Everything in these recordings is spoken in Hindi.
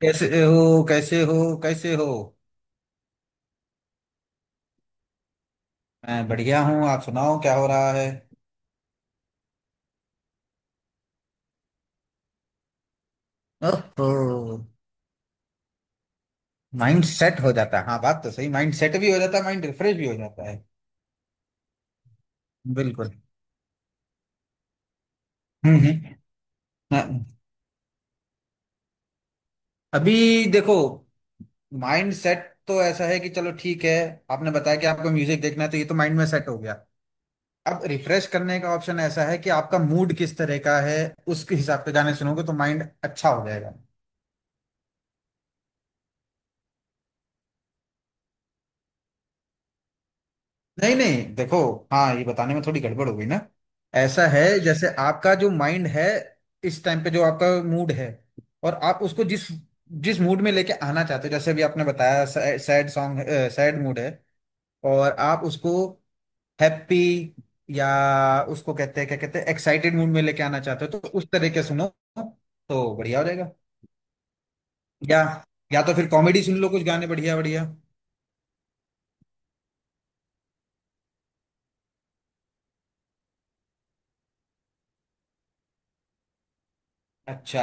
कैसे हो कैसे हो कैसे हो। मैं बढ़िया हूँ। आप सुनाओ क्या हो रहा है। ओहो। माइंड सेट हो जाता है। हाँ, बात तो सही। माइंड सेट भी हो जाता है, माइंड रिफ्रेश भी हो जाता है। बिल्कुल। हम्म। हाँ, अभी देखो, माइंड सेट तो ऐसा है कि चलो ठीक है। आपने बताया कि आपको म्यूजिक देखना है तो ये तो माइंड में सेट हो गया। अब रिफ्रेश करने का ऑप्शन ऐसा है कि आपका मूड किस तरह का है। उसके हिसाब से गाने सुनोगे तो माइंड अच्छा हो जाएगा। नहीं नहीं, देखो। हाँ, ये बताने में थोड़ी गड़बड़ हो गई ना। ऐसा है, जैसे आपका जो माइंड है, इस टाइम पे जो आपका मूड है, और आप उसको जिस जिस मूड में लेके आना चाहते हो, जैसे अभी आपने बताया सैड सॉन्ग, सैड मूड है और आप उसको हैप्पी या उसको कहते हैं, क्या कहते हैं, एक्साइटेड मूड में लेके आना चाहते हो तो उस तरह के सुनो तो बढ़िया हो जाएगा। या या तो फिर कॉमेडी सुन लो, कुछ गाने बढ़िया बढ़िया। अच्छा,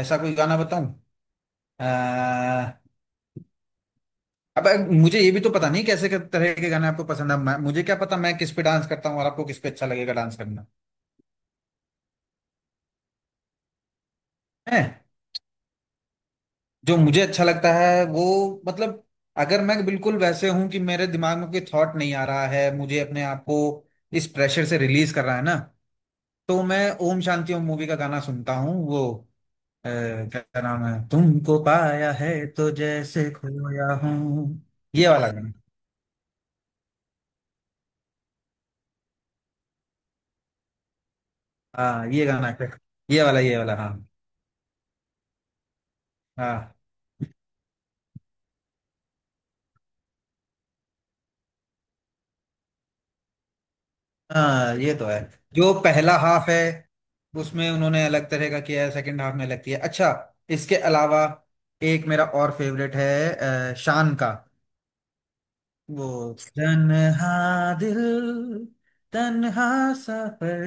ऐसा कोई गाना बताऊं। अब मुझे ये भी तो पता नहीं कैसे किस तरह के गाने आपको पसंद है। मुझे क्या पता मैं किस पे डांस करता हूँ और आपको किस पे अच्छा लगेगा डांस करना। है जो मुझे अच्छा लगता है वो, मतलब, अगर मैं बिल्कुल वैसे हूं कि मेरे दिमाग में कोई थॉट नहीं आ रहा है, मुझे अपने आप को इस प्रेशर से रिलीज कर रहा है ना, तो मैं ओम शांति ओम मूवी का गाना सुनता हूँ वो क्या नाम है, तुमको पाया है तो जैसे खोया हूँ, ये वाला गाना। हाँ ये गाना, ये वाला हाँ। हाँ हाँ ये तो है। जो पहला हाफ है उसमें उन्होंने अलग तरह का किया है, सेकंड हाफ में अलग किया है। अच्छा। इसके अलावा एक मेरा और फेवरेट है, शान का, वो तन्हा दिल तन्हा सफर,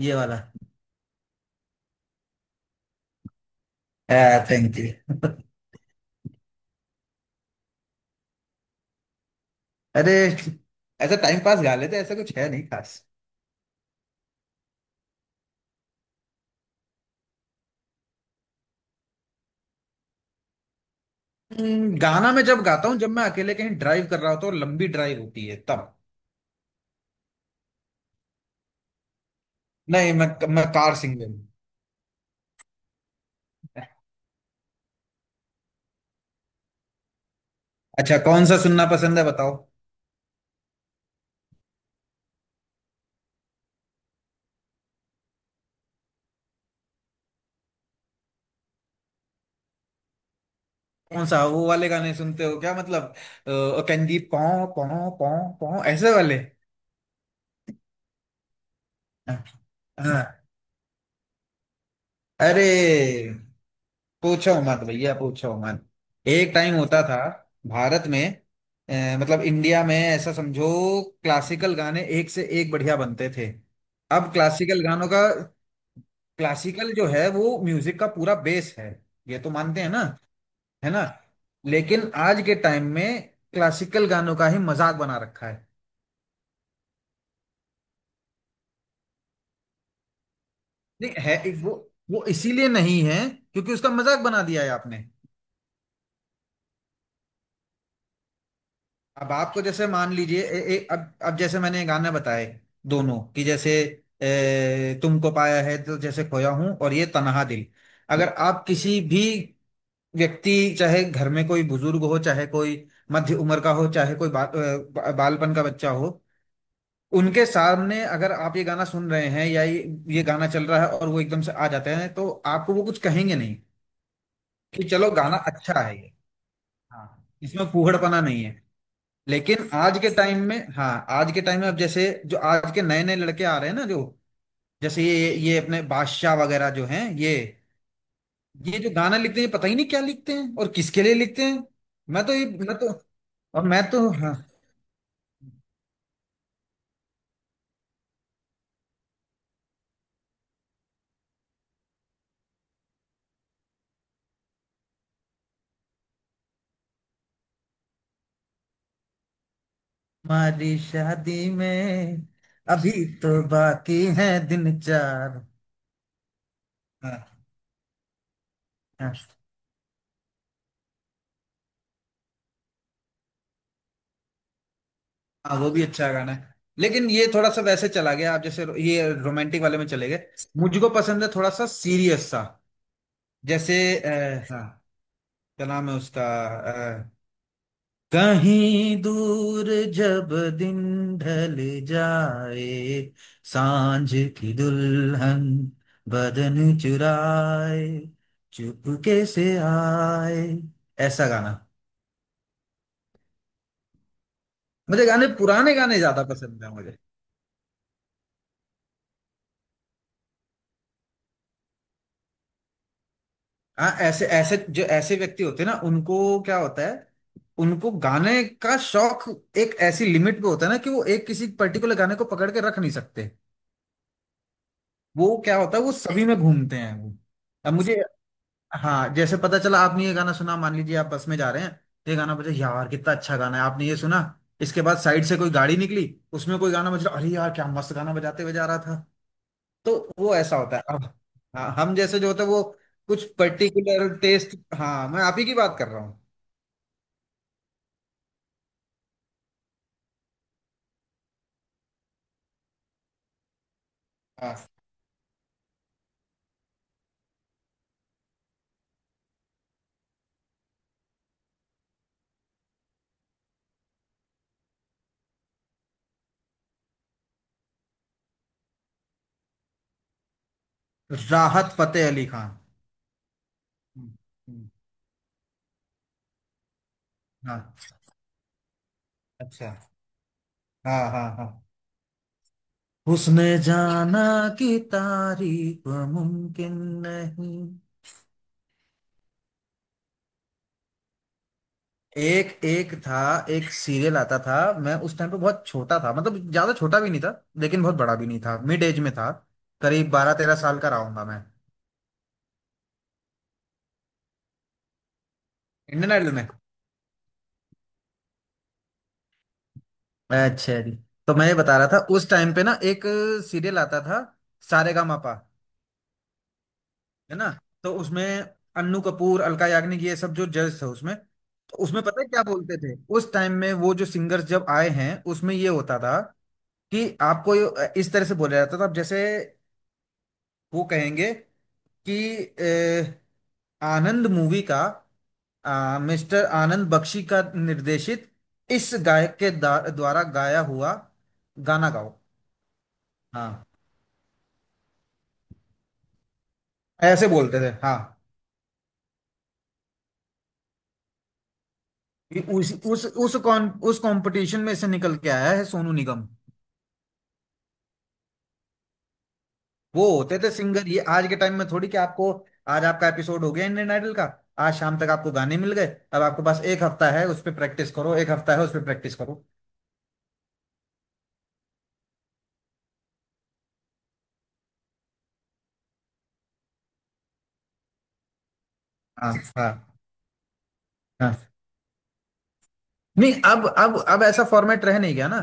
ये वाला। Thank you. अरे, ऐसा टाइम पास गा लेते, ऐसा कुछ है नहीं खास। गाना मैं जब गाता हूँ जब मैं अकेले कहीं ड्राइव कर रहा होता हूँ, लंबी ड्राइव होती है तब। नहीं, मैं कार सिंगर हूँ। अच्छा, कौन सा सुनना पसंद है बताओ। कौन सा वो वाले गाने सुनते हो क्या, मतलब कंदीप पौ पौ पौ पौ ऐसे वाले। हाँ। हाँ। अरे पूछो मत भैया पूछो मत। एक टाइम होता था भारत में, मतलब इंडिया में, ऐसा समझो, क्लासिकल गाने एक से एक बढ़िया बनते थे। अब क्लासिकल गानों का, क्लासिकल जो है वो म्यूजिक का पूरा बेस है, ये तो मानते हैं ना, है ना। लेकिन आज के टाइम में क्लासिकल गानों का ही मजाक बना रखा है। नहीं है वो इसीलिए नहीं है क्योंकि उसका मजाक बना दिया है आपने। अब आपको जैसे मान लीजिए, ए, ए, अब जैसे मैंने गाना बताए दोनों, कि जैसे तुमको पाया है तो जैसे खोया हूं, और ये तन्हा दिल। अगर आप किसी भी व्यक्ति, चाहे घर में कोई बुजुर्ग हो, चाहे कोई मध्य उम्र का हो, चाहे कोई बालपन का बच्चा हो, उनके सामने अगर आप ये गाना सुन रहे हैं या ये गाना चल रहा है और वो एकदम से आ जाते हैं तो आपको वो कुछ कहेंगे नहीं कि चलो गाना अच्छा है ये। हाँ, इसमें फूहड़पना नहीं है। लेकिन आज के टाइम में, हाँ, आज के टाइम में अब जैसे जो आज के नए नए लड़के आ रहे हैं ना जो, जैसे ये अपने बादशाह वगैरह जो हैं, ये जो गाना लिखते हैं पता ही नहीं क्या लिखते हैं और किसके लिए लिखते हैं। मैं तो ये मैं तो और मैं तो, हाँ, हमारी शादी में अभी तो बाकी है दिन चार। हाँ हाँ हाँ, वो भी अच्छा गाना है। लेकिन ये थोड़ा सा वैसे चला गया, आप जैसे ये रोमांटिक वाले में चले गए। मुझको पसंद है थोड़ा सा सीरियस सा, जैसे आ, हाँ, क्या नाम है उसका, अ, कहीं दूर जब दिन ढल जाए, सांझ की दुल्हन बदन चुराए चुपके से आए, ऐसा गाना। मुझे गाने, पुराने गाने ज्यादा पसंद है मुझे। हाँ, ऐसे ऐसे जो ऐसे व्यक्ति होते हैं ना, उनको क्या होता है, उनको गाने का शौक एक ऐसी लिमिट पे होता है ना कि वो एक किसी पर्टिकुलर गाने को पकड़ के रख नहीं सकते। वो क्या होता है, वो सभी में घूमते हैं वो। अब मुझे, हाँ, जैसे पता चला आपने ये गाना सुना, मान लीजिए आप बस में जा रहे हैं, तो ये गाना बजा, यार कितना अच्छा गाना है, आपने ये सुना। इसके बाद साइड से कोई गाड़ी निकली, उसमें कोई गाना बज रहा, अरे यार क्या मस्त गाना बजाते हुए जा रहा था। तो वो ऐसा होता है। अब हाँ, हम जैसे जो होता है वो कुछ पर्टिकुलर टेस्ट, हाँ मैं आप ही की बात कर रहा हूँ। हाँ, राहत फतेह अली खान। हम्म, हम्म, हाँ, अच्छा, हाँ हाँ हाँ। उसने जाना कि तारीफ मुमकिन नहीं। एक एक था एक सीरियल आता था, मैं उस टाइम पे बहुत छोटा था, मतलब ज्यादा छोटा भी नहीं था, लेकिन बहुत बड़ा भी नहीं था, मिड एज में था। करीब 12-13 साल का रहूंगा मैं। इंडियन आइडल में। अच्छा जी, तो मैं ये बता रहा था, उस टाइम पे ना एक सीरियल आता था, सारेगामापा, है ना। तो उसमें अन्नू कपूर, अलका याग्निक, ये सब जो जज थे उसमें। तो उसमें पता है क्या बोलते थे उस टाइम में वो जो सिंगर्स जब आए हैं उसमें ये होता था कि आपको ये- इस तरह से बोला जाता था, अब जैसे वो कहेंगे कि अ, आनंद मूवी का, मिस्टर आनंद बख्शी का निर्देशित, इस गायक के द्वारा गाया हुआ गाना गाओ। हाँ, ऐसे बोलते थे हाँ। कि उस कॉन, उस कंपटीशन में से निकल के आया है सोनू निगम। वो होते थे सिंगर, ये आज के टाइम में थोड़ी कि आपको आज आपका एपिसोड हो गया इंडियन आइडल का, आज शाम तक आपको गाने मिल गए, अब आपके पास एक हफ्ता है उस पर प्रैक्टिस करो, एक हफ्ता है उस पर प्रैक्टिस करो। हाँ हाँ हाँ। नहीं, अब ऐसा फॉर्मेट रह नहीं गया ना।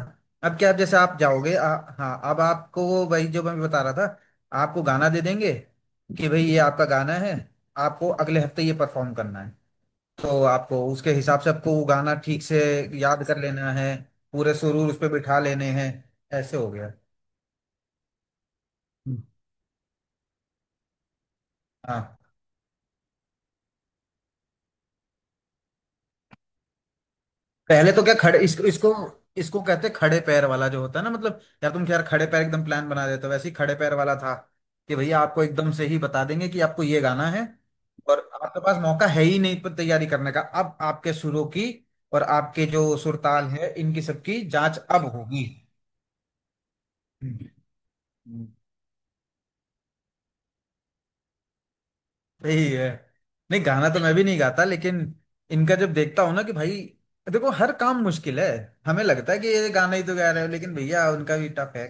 अब क्या, अब जैसे आप जाओगे, हाँ अब आपको, वही जो मैं बता रहा था, आपको गाना दे देंगे कि भाई ये आपका गाना है, आपको अगले हफ्ते ये परफॉर्म करना है, तो आपको उसके हिसाब से आपको वो गाना ठीक से याद कर लेना है। पूरे सुरूर उस पर बिठा लेने हैं। ऐसे हो गया। हम्म। हाँ। पहले तो क्या खड़े, इसको इसको इसको कहते हैं खड़े पैर वाला जो होता है ना। मतलब यार तुम यार खड़े पैर एकदम प्लान बना देते हो, वैसे ही खड़े पैर वाला था कि भैया आपको एकदम से ही बता देंगे कि आपको ये गाना है, और आपके पास मौका है ही नहीं पर तैयारी करने का। अब आपके सुरों की और आपके जो सुरताल है इनकी सबकी जांच अब होगी। हम्म। सही है। नहीं, गाना तो मैं भी नहीं गाता, लेकिन इनका जब देखता हूँ ना कि भाई देखो हर काम मुश्किल है, हमें लगता है कि ये गाना ही तो गा रहे हो, लेकिन भैया उनका भी टफ है।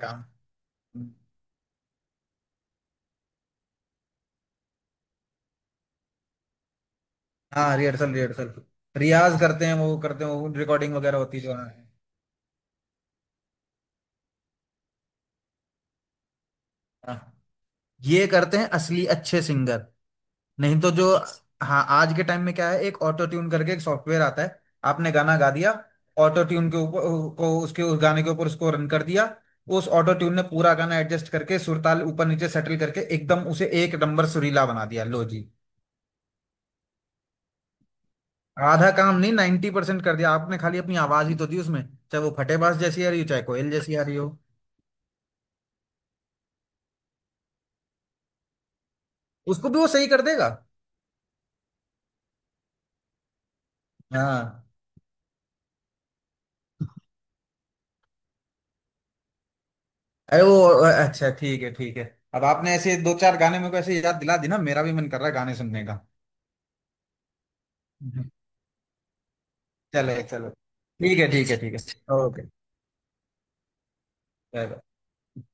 हाँ, रिहर्सल रिहर्सल, रियाज करते हैं वो, करते हैं वो, रिकॉर्डिंग वगैरह होती है जो, हाँ। हाँ। ये करते हैं असली अच्छे सिंगर। नहीं तो जो, हाँ आज के टाइम में क्या है, एक ऑटो ट्यून करके एक सॉफ्टवेयर आता है, आपने गाना गा दिया, ऑटो ट्यून के ऊपर को, उसके उस गाने के ऊपर उसको रन कर दिया, उस ऑटो ट्यून ने पूरा गाना एडजस्ट करके सुरताल ऊपर नीचे सेटल करके एकदम उसे एक नंबर सुरीला बना दिया, लो जी। आधा काम नहीं, 90% कर दिया, आपने खाली अपनी आवाज ही तो दी उसमें, चाहे वो फटेबाज जैसी आ रही हो, चाहे कोयल जैसी आ रही हो। उसको भी वो सही कर देगा। हाँ, अरे वो, अच्छा ठीक है ठीक है, अब आपने ऐसे दो चार गाने मेरे को ऐसे याद दिला दी ना, मेरा भी मन कर रहा है गाने सुनने का। चले चलो ठीक है ठीक है ठीक है ओके।